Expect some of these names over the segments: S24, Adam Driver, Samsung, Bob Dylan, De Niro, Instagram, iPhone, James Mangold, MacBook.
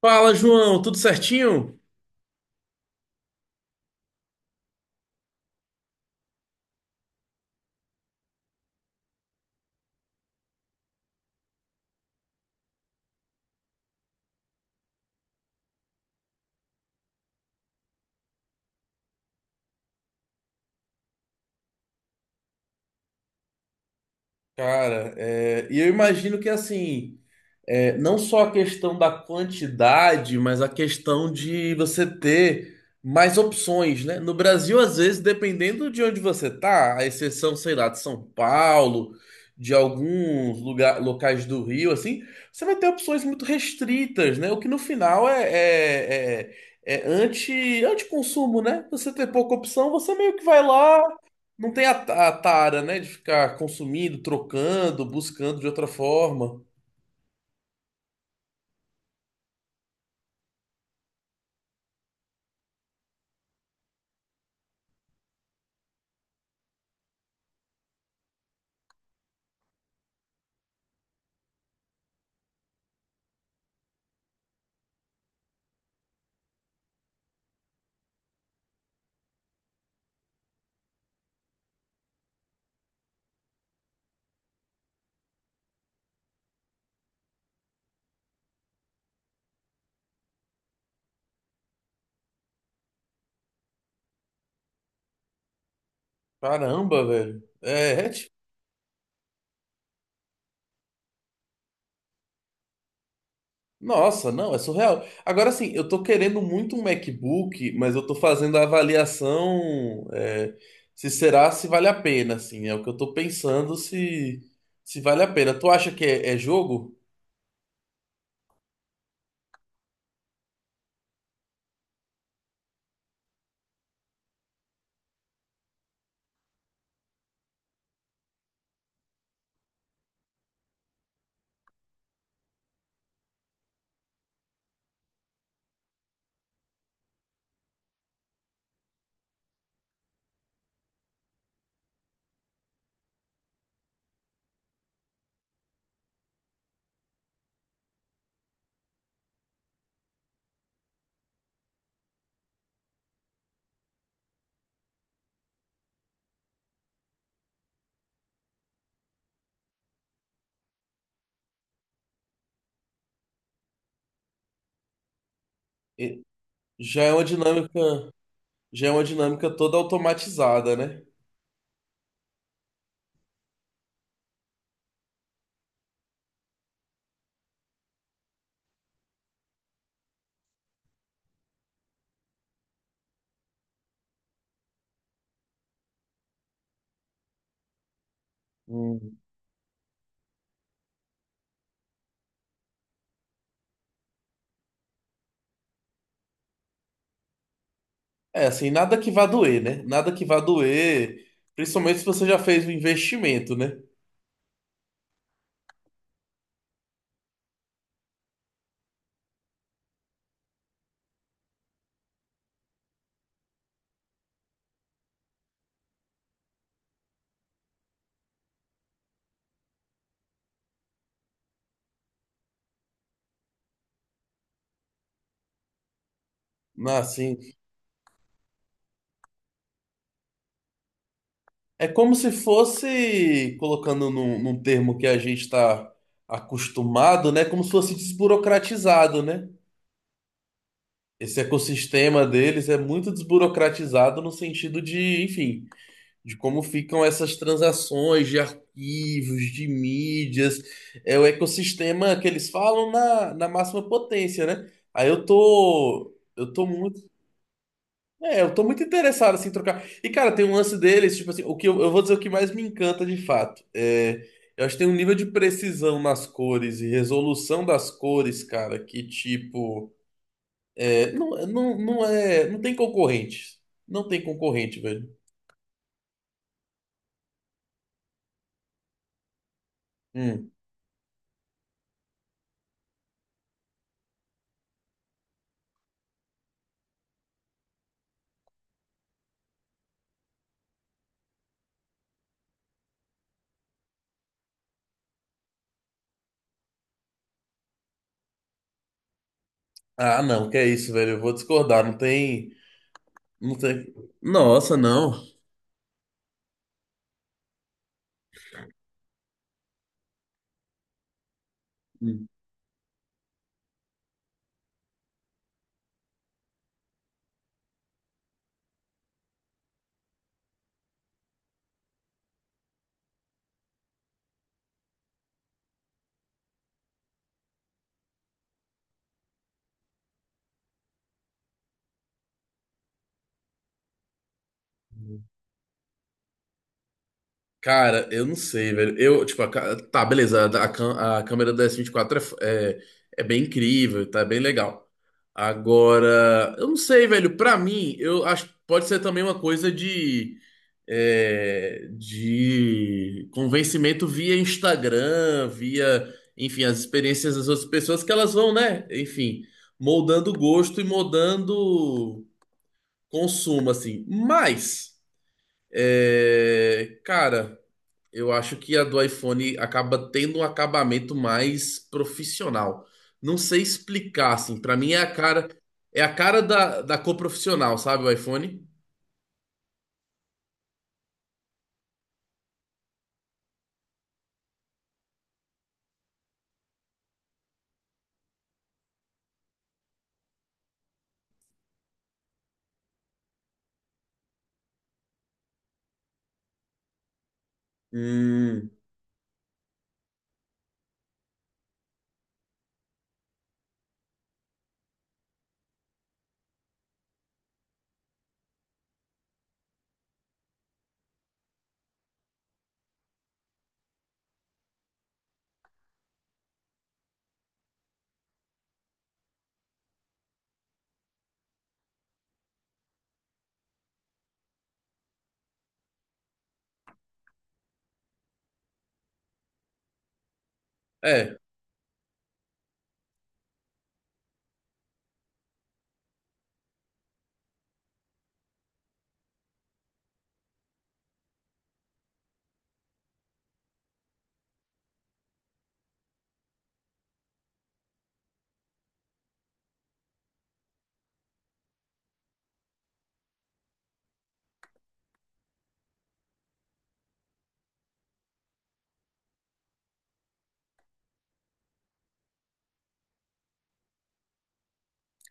Fala, João, tudo certinho? Cara, e eu imagino que assim, não só a questão da quantidade, mas a questão de você ter mais opções, né? No Brasil, às vezes, dependendo de onde você tá, a exceção, sei lá, de São Paulo, de alguns lugar, locais do Rio, assim, você vai ter opções muito restritas, né? O que no final é anti, anti-consumo, né? Você ter pouca opção, você meio que vai lá. Não tem a tara, né, de ficar consumindo, trocando, buscando de outra forma. Caramba, velho. Nossa, não, é surreal. Agora sim, eu tô querendo muito um MacBook, mas eu tô fazendo a avaliação, se será, se vale a pena, assim. É o que eu tô pensando se vale a pena. Tu acha que é jogo? E- Já é uma dinâmica. Já é uma dinâmica toda automatizada, né? Hum. É, assim, nada que vá doer, né? Nada que vá doer, principalmente se você já fez um investimento, né? Ah, sim. É como se fosse, colocando num termo que a gente está acostumado, né? Como se fosse desburocratizado, né? Esse ecossistema deles é muito desburocratizado no sentido de, enfim, de como ficam essas transações de arquivos, de mídias. É o ecossistema que eles falam na máxima potência, né? Aí eu tô. Eu tô muito. É, eu tô muito interessado assim, em trocar. E, cara, tem um lance deles, tipo assim, o que eu vou dizer o que mais me encanta de fato. É, eu acho que tem um nível de precisão nas cores e resolução das cores, cara, que tipo. Não é. Não tem concorrente. Não tem concorrente, velho. Hum. Ah, não, que é isso, velho. Eu vou discordar. Não tem. Não tem. Nossa, não. Hum. Cara, eu não sei, velho. Eu, tipo, tá, beleza. A a câmera da S24 é, é bem incrível, tá é bem legal. Agora, eu não sei, velho. Pra mim, eu acho que pode ser também uma coisa de, é, de convencimento via Instagram, via, enfim, as experiências das outras pessoas que elas vão, né? Enfim, moldando gosto e moldando consumo, assim. Mas, é, cara. Eu acho que a do iPhone acaba tendo um acabamento mais profissional. Não sei explicar, assim. Pra mim é a cara da cor profissional, sabe, o iPhone? Hum, é.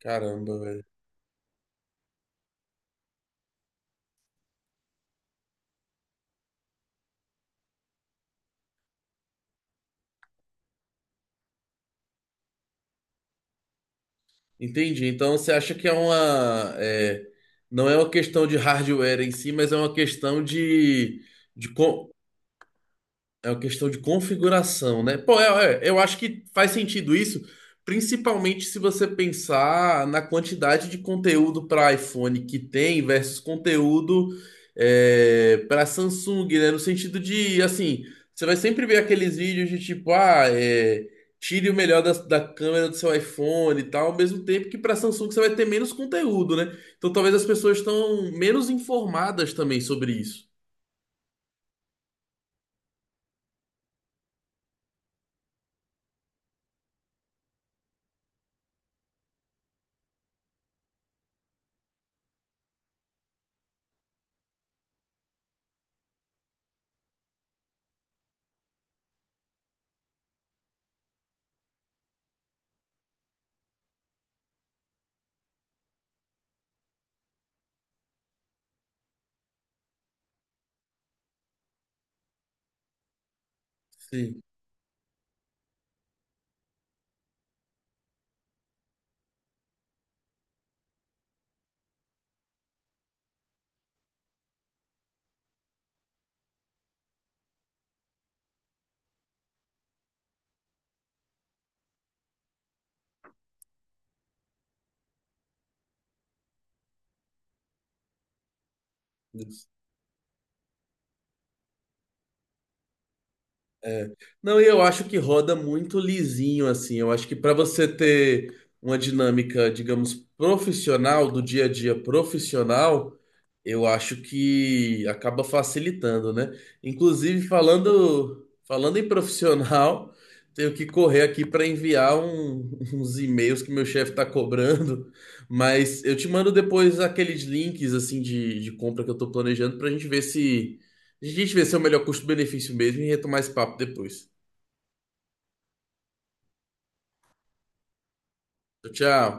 Caramba, velho. Entendi. Então você acha que é uma, é, não é uma questão de hardware em si, mas é uma questão de, de co- é uma questão de configuração, né? Pô, é, eu acho que faz sentido isso, principalmente se você pensar na quantidade de conteúdo para iPhone que tem versus conteúdo para Samsung, né? No sentido de, assim, você vai sempre ver aqueles vídeos de tipo, ah, é, tire o melhor da câmera do seu iPhone e tal, ao mesmo tempo que para Samsung você vai ter menos conteúdo, né? Então talvez as pessoas estão menos informadas também sobre isso. Sim. É. Não, e eu acho que roda muito lisinho, assim. Eu acho que para você ter uma dinâmica, digamos, profissional, do dia a dia profissional, eu acho que acaba facilitando, né? Inclusive, falando em profissional, tenho que correr aqui para enviar uns e-mails que meu chefe está cobrando, mas eu te mando depois aqueles links, assim, de compra que eu tô planejando para a gente ver se. A gente vê se é o melhor custo-benefício mesmo e retomar esse papo depois. Tchau, tchau.